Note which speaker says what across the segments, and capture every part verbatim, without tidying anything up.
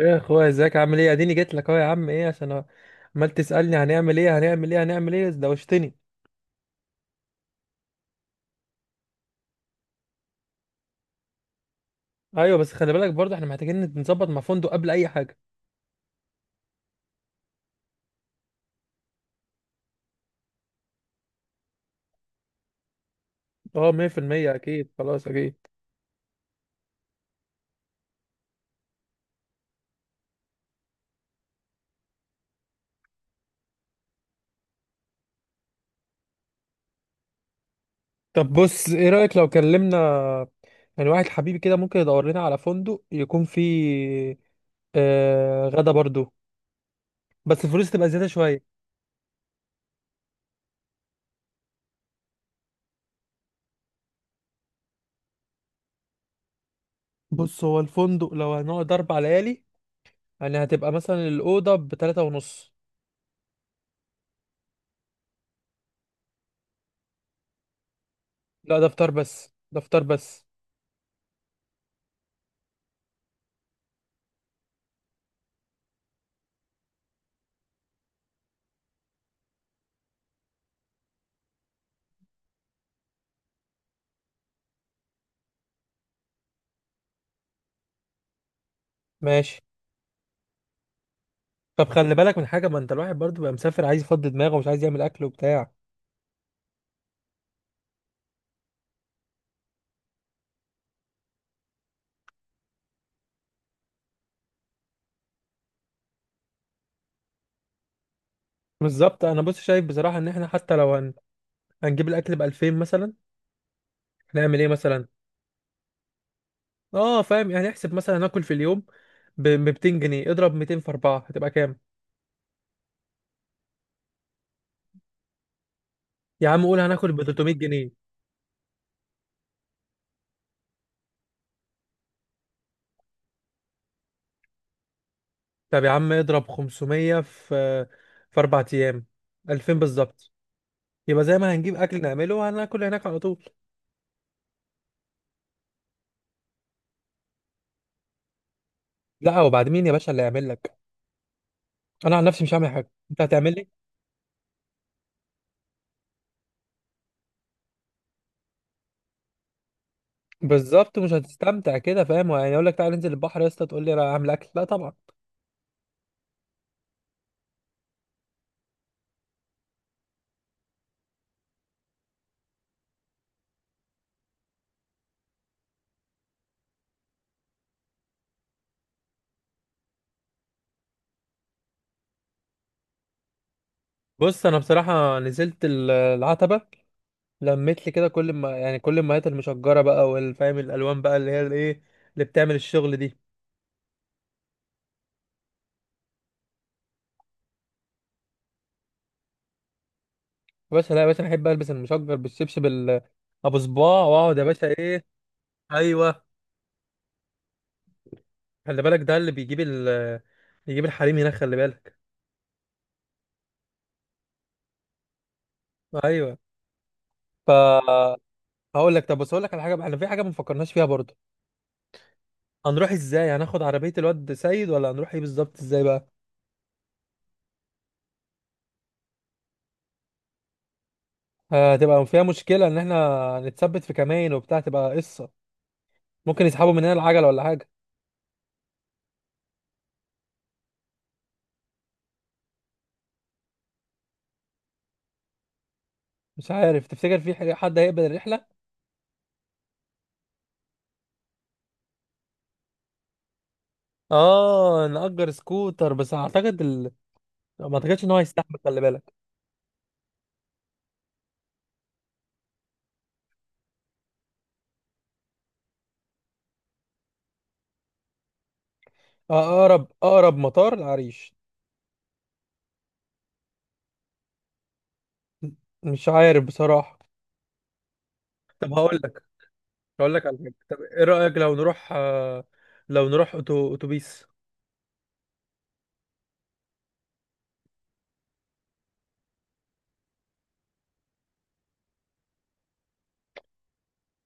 Speaker 1: ايه يا اخويا، ازيك؟ عامل ايه؟ اديني جيت لك اهو يا عم. ايه، عشان عمال تسالني هنعمل ايه هنعمل ايه هنعمل ايه، دوشتني. ايوه بس خلي بالك برضه احنا محتاجين نظبط مع فندق قبل اي حاجه. اه مية بالمية. اكيد خلاص اكيد. طب بص، ايه رايك لو كلمنا يعني واحد حبيبي كده ممكن يدور لنا على فندق يكون فيه آه غدا برضه. بس الفلوس تبقى زياده شويه. بص، هو الفندق لو هنقعد أربع ليالي يعني هتبقى مثلا الاوضه بتلاتة ونص. لا ده فطار بس، ده فطار بس. ماشي. طب خلي بالك من حاجه، ما انت الواحد برضه بقى مسافر عايز يفضي دماغه ومش عايز يعمل اكل وبتاع. بالظبط. انا بص شايف بصراحه ان احنا حتى لو هن... هنجيب الاكل ب ألفين مثلا، هنعمل ايه مثلا؟ اه فاهم، يعني احسب مثلا هناكل في اليوم ب ميتين جنيه، اضرب ميتين في أربعة هتبقى كام؟ يا عم قول هناكل ب تلتمية جنيه. طب يا عم اضرب خمسمية في في أربعة ايام، ألفين بالظبط. يبقى زي ما هنجيب اكل نعمله، هناكل هناك على طول. لا، وبعد مين يا باشا اللي يعمل لك؟ انا عن نفسي مش هعمل حاجه، انت هتعمل. بالظبط، مش هتستمتع كده فاهم؟ يعني اقول لك تعالى ننزل البحر يا اسطى، تقول لي انا هعمل اكل؟ لا طبعا. بص انا بصراحه نزلت ال- العتبه، لميت لي كده كل ما يعني كل المايات المشجره بقى، والفاهم الالوان بقى اللي هي الايه اللي بتعمل الشغل دي. بس لا يا باشا، أنا احب البس المشجر بالشبشب ال- ابو صباع، واقعد يا باشا ايه. ايوه، خلي بالك ده اللي بيجيب ال بيجيب الحريم هناك، خلي بالك. ايوه. ف هقول لك. طب بص هقول لك على حاجه بقى، احنا في حاجه ما فكرناش فيها برضه. هنروح ازاي؟ هناخد عربيه الواد سيد ولا هنروح ايه بالظبط ازاي بقى؟ هتبقى فيها مشكلة إن إحنا نتثبت في كمين وبتاع، تبقى قصة. ممكن يسحبوا مننا العجلة ولا حاجة. مش عارف، تفتكر في حاجة- حد هيقبل الرحلة؟ آه نأجر سكوتر، بس أعتقد ال... ما أعتقدش إن هو هيستحمل، خلي بالك. آه، أقرب أقرب مطار العريش. مش عارف بصراحة. طب هقول لك، هقول لك على حاجة. طب إيه رأيك لو نروح، آه، لو نروح أتو- أتوبيس؟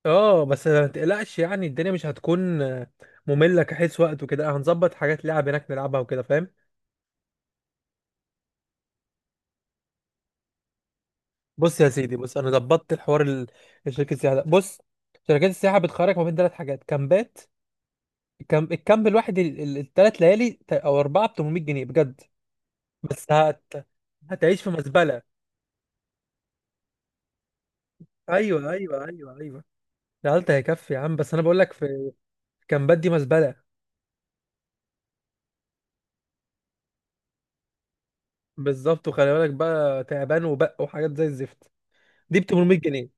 Speaker 1: آه بس ما تقلقش يعني الدنيا مش هتكون آه، مملة كحيث وقت، وكده هنظبط حاجات لعب هناك نلعبها وكده فاهم؟ بص يا سيدي، بص انا ظبطت الحوار ال- الشركه السياحه ده. بص شركات السياحه بتخرج ما بين تلات حاجات كامبات. الكام الكامب الواحد التلات ليالي ت- او أربعة ب تمنمية جنيه بجد. بس هت... هتعيش في مزبله. ايوه ايوه ايوه ايوه، العلت هيكفي يا عم، بس انا بقول لك في الكامبات دي مزبله. بالظبط، وخلي بالك بقى تعبان وبق وحاجات زي الزفت، دي ب ثمانمية جنيه.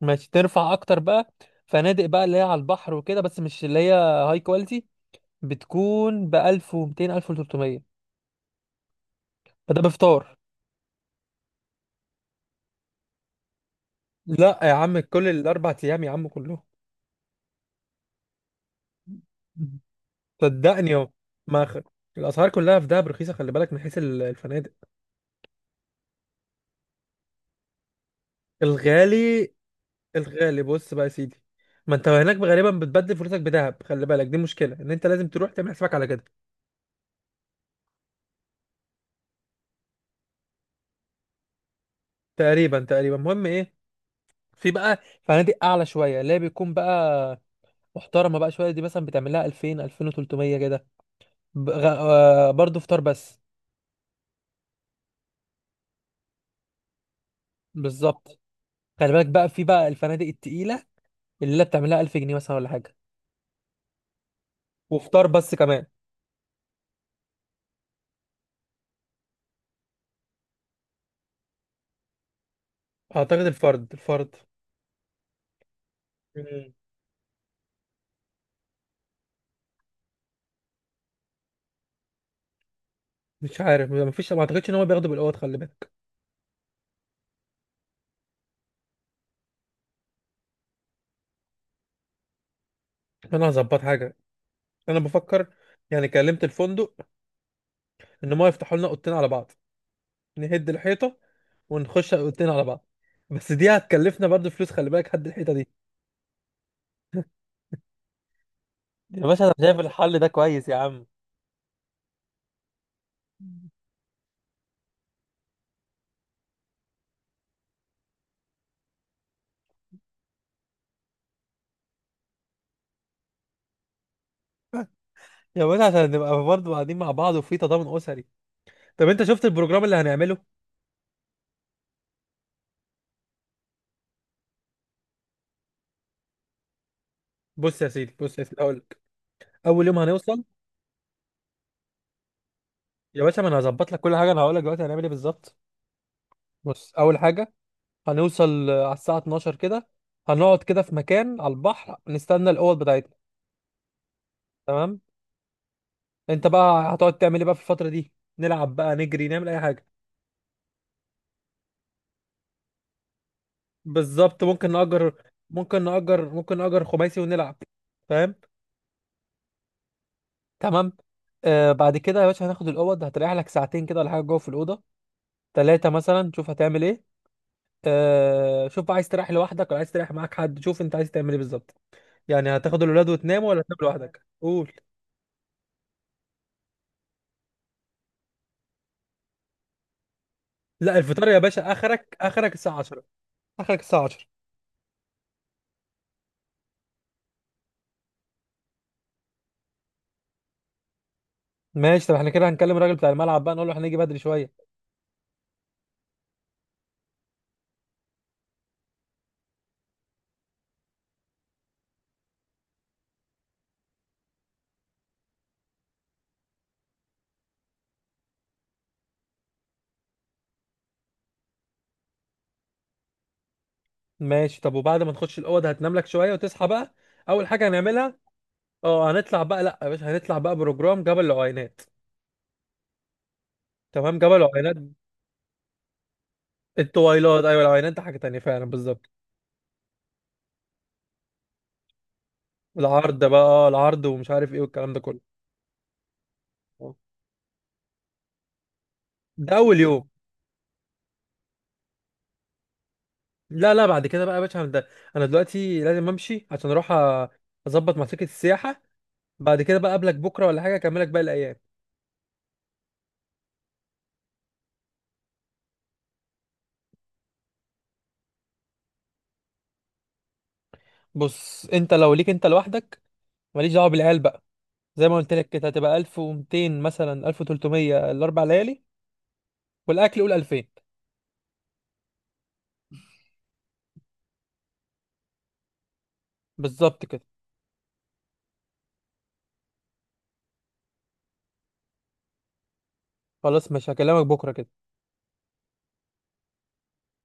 Speaker 1: ماشي ترفع اكتر بقى. فنادق بقى اللي هي على البحر وكده، بس مش اللي هي هاي كواليتي، بتكون ب ألف وميتين ألف وتلتمية. فده بفطار. لا يا عم كل الأربع ايام يا عم كلهم. صدقني يا ما خ... الاسعار كلها في دهب رخيصه، خلي بالك من حيث ال- الفنادق. الغالي، الغالي بص بقى يا سيدي، ما انت هناك غالبا بتبدل فلوسك بدهب، خلي بالك، دي مشكله ان انت لازم تروح تعمل حسابك على كده. تقريبا تقريبا. المهم ايه، في بقى فنادق اعلى شويه اللي هي بيكون بقى محترمه بقى شويه، دي مثلا بتعمل لها ألفين ألفين وتلتمية كده، ب- غ... آه، برضه فطار بس. بالظبط. خلي بالك بقى في بقى الفنادق التقيله، الليله بتعملها ألف جنيه مثلا ولا حاجه، وفطار بس كمان. اعتقد الفرد، الفرد مم. مش عارف، ما فيش، ما اعتقدش ان هو بياخدوا بالاوض، خلي بالك. انا هظبط حاجه، انا بفكر. يعني كلمت الفندق ان هم يفتحوا لنا اوضتين على بعض، نهد الحيطه ونخش اوضتين على بعض، بس دي هتكلفنا برضه فلوس خلي بالك، هد الحيطه دي. يا باشا انا شايف الحل ده كويس يا عم. يا باشا عشان نبقى برضه قاعدين مع بعض وفي تضامن اسري. طب انت شفت البروجرام اللي هنعمله؟ بص يا سيدي بص يا سيدي هقول لك، اول يوم هنوصل. يا باشا ما انا هظبط لك كل حاجه، انا هقول لك دلوقتي هنعمل ايه بالظبط. بص اول حاجه هنوصل آه، على الساعه اتناشر كده، هنقعد كده في مكان على البحر نستنى الاوض بتاعتنا. تمام. انت بقى هتقعد تعمل ايه بقى في الفتره دي؟ نلعب بقى، نجري، نعمل اي حاجه. بالظبط، ممكن نأجر ممكن نأجر ممكن نأجر خماسي ونلعب. فاهم؟ تمام. آه بعد كده يا باشا هناخد الاوض، هتريح لك ساعتين كده ولا حاجه جوه في الاوضه، ثلاثه مثلا، شوف هتعمل ايه. آه شوف بقى، عايز تريح لوحدك ولا عايز تريح معاك حد، شوف انت عايز تعمل ايه بالظبط. يعني هتاخد الولاد وتناموا ولا هتنام لوحدك؟ قول. لا الفطار يا باشا اخرك، اخرك الساعه عشرة. اخرك الساعه عشرة. ماشي، طب احنا كده هنكلم الراجل بتاع الملعب بقى نقول له هنيجي بدري شويه. ماشي، طب وبعد ما نخش الاوضه هتنام لك شويه وتصحى بقى، اول حاجه هنعملها. اه هنطلع بقى، لا يا باشا هنطلع بقى بروجرام جبل العوينات. تمام، جبل العوينات التويلات. ايوه، العوينات ده حاجه تانيه فعلا، بالظبط. العرض بقى، اه العرض، ومش عارف ايه والكلام ده كله. آه. ده اول يوم. لا لا، بعد كده بقى يا باشا ده، انا دلوقتي لازم امشي عشان اروح أ- اظبط مع شركه السياحه. بعد كده بقى قابلك بكره ولا حاجه، اكملك باقي الايام. بص انت لو ليك انت لوحدك، ماليش دعوه بالعيال بقى، زي ما قلت لك كده هتبقى ألف وميتين مثلا ألف وتلتمية الأربع ليالي، والاكل قول ألفين. بالظبط كده خلاص. مش هكلمك بكره كده.